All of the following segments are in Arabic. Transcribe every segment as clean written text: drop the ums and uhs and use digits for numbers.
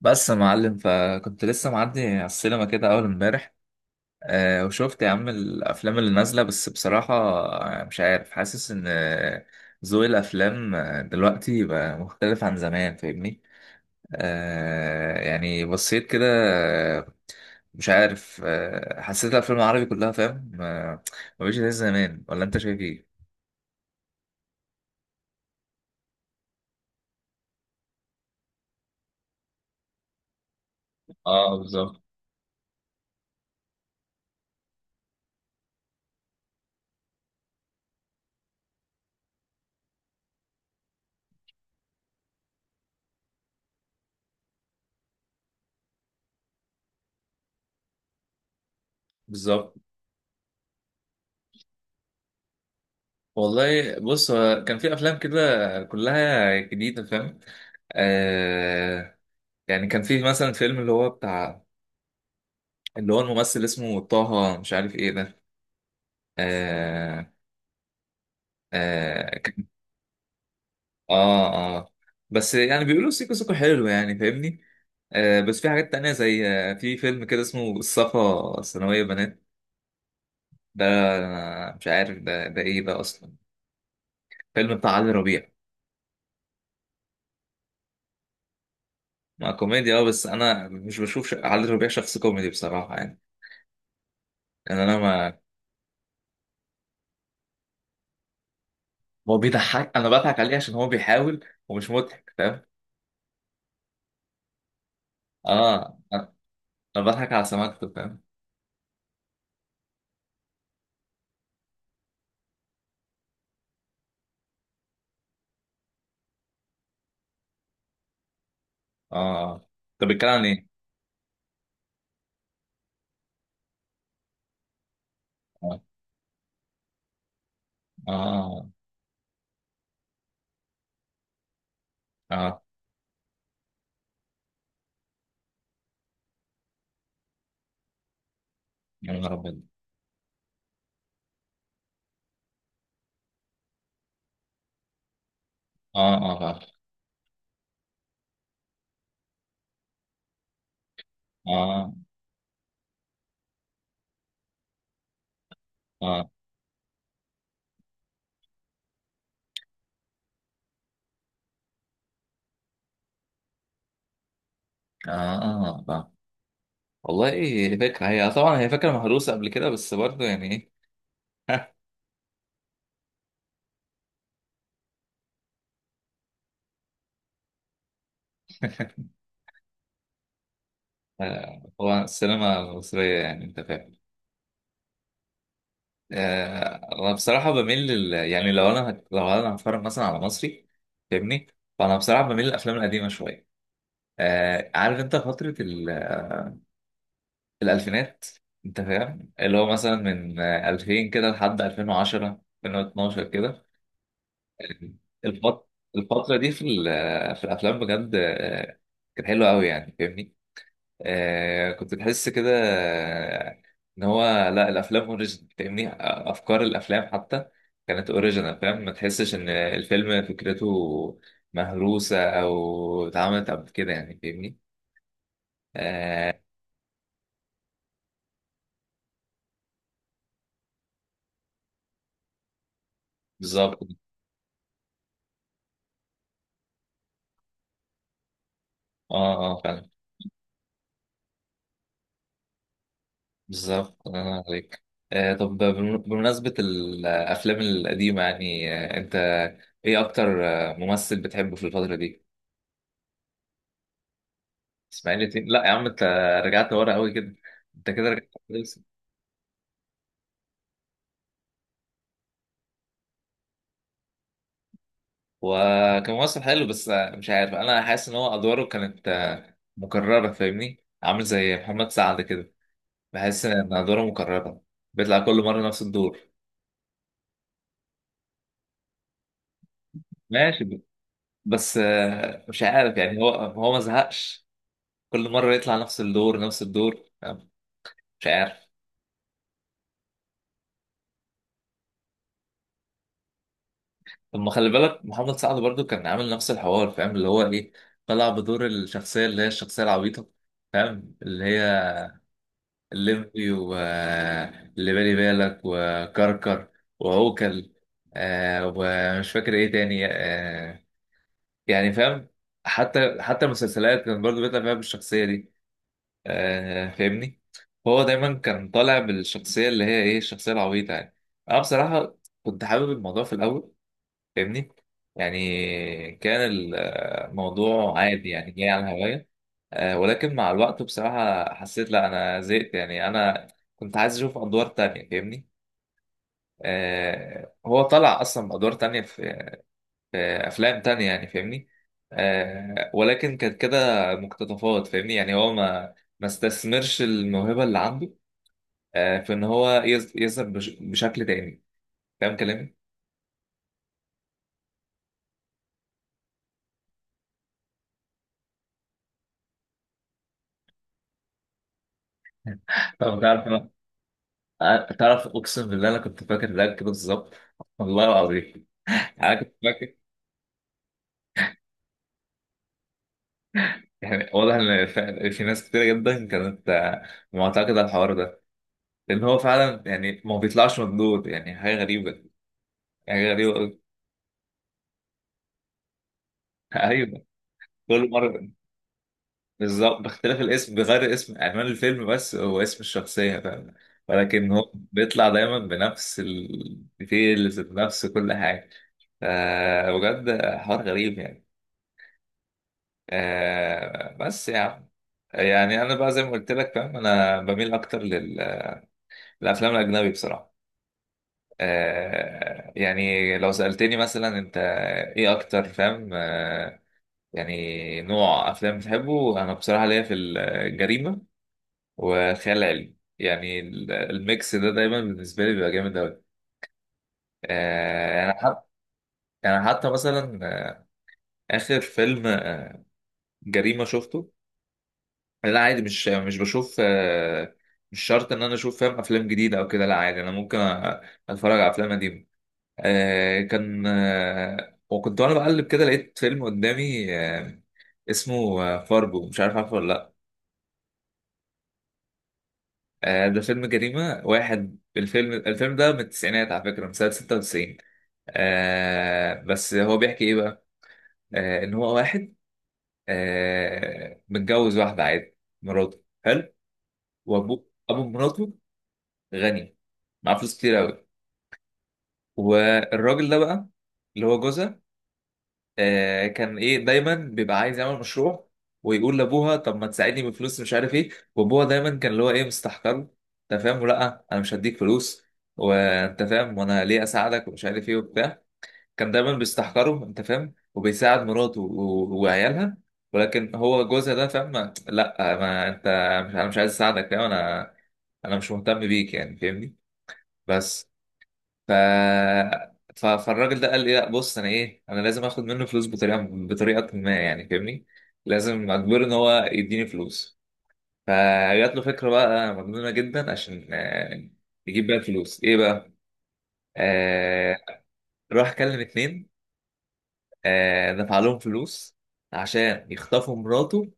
بس يا معلم، فكنت لسه معدي على السينما كده اول امبارح. وشفت يا عم الافلام اللي نازله، بس بصراحه مش عارف، حاسس ان ذوق الافلام دلوقتي بقى مختلف عن زمان فاهمني. يعني بصيت كده. آه، مش عارف، حسيت الافلام العربي كلها فاهم، مبقتش زي زمان. ولا انت شايف ايه؟ اه، بالظبط. بالظبط. والله بص، هو كان في افلام كده كلها جديده فاهم. آه يعني كان في مثلا فيلم اللي هو الممثل اسمه طه، مش عارف ايه ده. آه. آه كان. اه، اه. بس يعني بيقولوا سيكو سيكو حلو يعني فاهمني. بس في حاجات تانية، زي في فيلم كده اسمه الصفا ثانوية بنات ده. أنا مش عارف ده ايه ده اصلا. فيلم بتاع علي ربيع. ما كوميديا اه، بس انا مش بشوف علي ربيع شخص كوميدي بصراحة يعني. يعني انا ما. هو بيضحك، انا بضحك عليه عشان هو بيحاول ومش مضحك فاهم. اه. انا بضحك على سماكته فاهم. اه، طب بيتكلم عن ايه؟ اه، اه. اه. يا نهار ابيض. اه، اه، فاهم. اه، اه. اه، اه، فاهم. والله ايه فكره، هي طبعا هي فكره مهروسه قبل كده، بس برضه يعني ايه. هو السينما المصريه يعني انت فاهم. انا بصراحه بميل لل... يعني لو انا هت... لو انا هتفرج مثلا على مصري فاهمني. فانا بصراحه بميل للافلام القديمه شويه. عارف انت فتره الألفينات. أنت فاهم اللي هو مثلا من 2000 كده لحد 2010 2012 كده. الفت... الفترة دي في ال... آه، في الأفلام بجد، كانت حلوة أوي يعني فاهمني. آه، كنت تحس كده إن هو لا، الأفلام أوريجينال فاهمني. أفكار الأفلام حتى كانت أوريجينال فاهم. ما تحسش إن الفيلم فكرته مهروسة أو اتعملت قبل كده يعني فاهمني. آه. بالظبط. اه، اه، بالظبط. الله ينور عليك. طب بمناسبة الأفلام القديمة يعني، أنت إيه أكتر ممثل بتحبه في الفترة دي؟ إسماعيل ياسين؟ لا يا عم، أنت رجعت ورا قوي كده. أنت كده رجعت كويس. هو كان ممثل حلو بس مش عارف، أنا حاسس إن هو أدواره كانت مكررة فاهمني؟ عامل زي محمد سعد كده. بحس إن أدواره مكررة، بيطلع كل مرة نفس الدور. ماشي، بس مش عارف يعني. هو ما زهقش، كل مرة يطلع نفس الدور نفس الدور يعني. مش عارف. طب ما خلي بالك محمد سعد برضو كان عامل نفس الحوار فاهم، اللي هو ايه، طلع بدور الشخصية اللي هي الشخصية العبيطة فاهم، اللي هي الليمبي واللي بالي بالك وكركر وعوكل. آه، ومش فاكر ايه تاني. يعني فاهم. حتى المسلسلات كان برضو بيطلع فيها بالشخصية دي فاهمني. هو دايما كان طالع بالشخصية اللي هي ايه الشخصية العبيطة يعني. انا بصراحة كنت حابب الموضوع في الاول فاهمني، يعني كان الموضوع عادي يعني جاي على الهواية. ولكن مع الوقت بصراحة حسيت لا، انا زهقت يعني. انا كنت عايز اشوف ادوار تانية فاهمني. آه، هو طلع اصلا بادوار تانية في افلام تانية يعني فاهمني. آه، ولكن كانت كده مقتطفات فاهمني. يعني هو ما استثمرش الموهبة اللي عنده في ان هو يظهر بشكل تاني، فاهم كلامي؟ طب تعرف انا، تعرف اقسم بالله انا كنت فاكر ده كده بالظبط، والله العظيم انا كنت فاكر. يعني واضح ان في ناس كتير جدا كانت معتقده على الحوار ده، لان هو فعلا يعني ما بيطلعش مردود، يعني حاجه غريبه، يعني حاجه غريبه أوي. ايوه. كل مره بالظبط، باختلاف الاسم، بغير اسم عنوان الفيلم، بس هو اسم الشخصية فاهم. ولكن هو بيطلع دايما بنفس الديتيلز، بنفس كل حاجة. ف- بجد حوار غريب يعني. بس يعني، يعني أنا بقى زي ما قلت لك فاهم، أنا بميل أكتر للأفلام الأجنبي بصراحة. يعني لو سألتني مثلا أنت إيه أكتر فاهم يعني نوع أفلام بتحبه، أنا بصراحة ليا في الجريمة وخيال علمي، يعني الميكس ده دايما بالنسبة لي بيبقى جامد أوي. أنا حتى، مثلا آخر فيلم جريمة شفته، لا عادي مش بشوف، مش شرط إن أنا أشوف فاهم أفلام جديدة أو كده. لا عادي أنا ممكن أتفرج على أفلام قديمة. كان وكنت وأنا بقلب كده لقيت فيلم قدامي اسمه فارجو، مش عارف عارفه ولا لأ. ده فيلم جريمة واحد. الفيلم ده من التسعينات على فكرة، من سنة 96. آه، بس هو بيحكي ايه بقى؟ آه، ان هو واحد آه متجوز واحده عادي، مراته حلو، وابوه، ابو مراته غني، معاه فلوس كتير قوي. والراجل ده بقى، اللي هو جوزها، آه كان ايه دايما بيبقى عايز يعمل مشروع، ويقول لابوها طب ما تساعدني بفلوس مش عارف ايه. وابوها دايما كان اللي هو ايه مستحقره، انت فاهم، لا انا مش هديك فلوس، وانت فاهم وانا ليه اساعدك ومش عارف ايه وبتاع. كان دايما بيستحقره انت فاهم، وبيساعد مراته وعيالها. ولكن هو جوزها ده فاهم لا، ما انت، مش، انا مش عايز اساعدك فاهم، انا انا مش مهتم بيك يعني فاهمني. بس. ف فالراجل ده قال لي لا بص، انا ايه، انا لازم اخد منه فلوس بطريقه ما يعني فاهمني. لازم اجبره ان هو يديني فلوس. فجات له فكره بقى مجنونه جدا عشان يجيب بيها الفلوس ايه بقى. آه، راح كلم اتنين، آه، دفع لهم فلوس عشان يخطفوا مراته،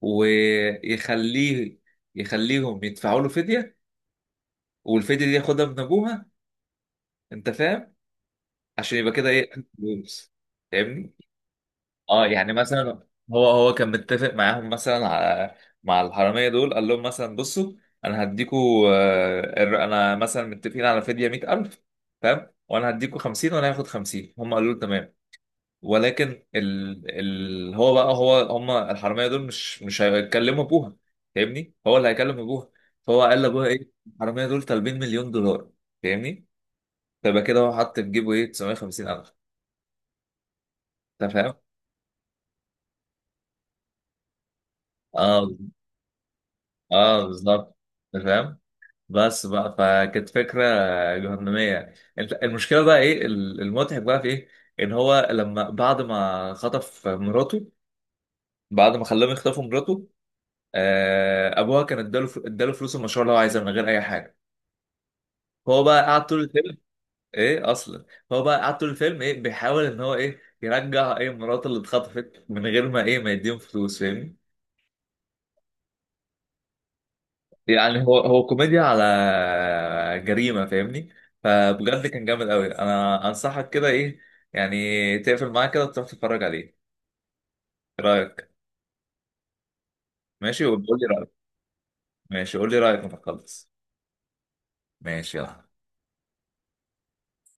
ويخليه يخليهم يدفعوا له فدية، والفدية دي ياخدها من أبوها أنت فاهم، عشان يبقى كده إيه فلوس فاهمني؟ أه يعني مثلا، هو كان متفق معاهم مثلا على، مع الحرامية دول قال لهم مثلا بصوا، أنا هديكوا أنا مثلا متفقين على فدية 100,000 فاهم؟ وأنا هديكوا 50 وأنا هاخد 50، هم قالوا له تمام. ولكن هو بقى، هو هم الحراميه دول مش هيكلموا ابوها فاهمني، هو اللي هيكلم ابوها. فهو قال لابوها ايه الحراميه دول طالبين مليون دولار، فاهمني. فبقى كده هو حط في جيبه ايه 950 الف، انت فاهم. اه، اه، بالظبط. انت فاهم، بس بقى فكانت فكره جهنميه يعني. انت المشكله بقى ايه، المضحك بقى في ايه، ان هو لما بعد ما خطف مراته، بعد ما خلاهم يخطفوا مراته، ابوها كان اداله فلوس المشروع اللي هو عايزها من غير اي حاجه. هو بقى قعد طول الفيلم ايه اصلا، هو بقى قعد طول الفيلم ايه بيحاول ان هو ايه يرجع ايه مراته اللي اتخطفت من غير ما ايه ما يديهم فلوس فاهمني. يعني هو كوميديا على جريمه فاهمني. فبجد كان جامد قوي، انا انصحك كده ايه، يعني تقفل معاه كده وتروح تتفرج عليه. إيه رايك؟ ماشي. وبقول لي رايك. ماشي، قول لي رايك لما تخلص. ماشي، يلا.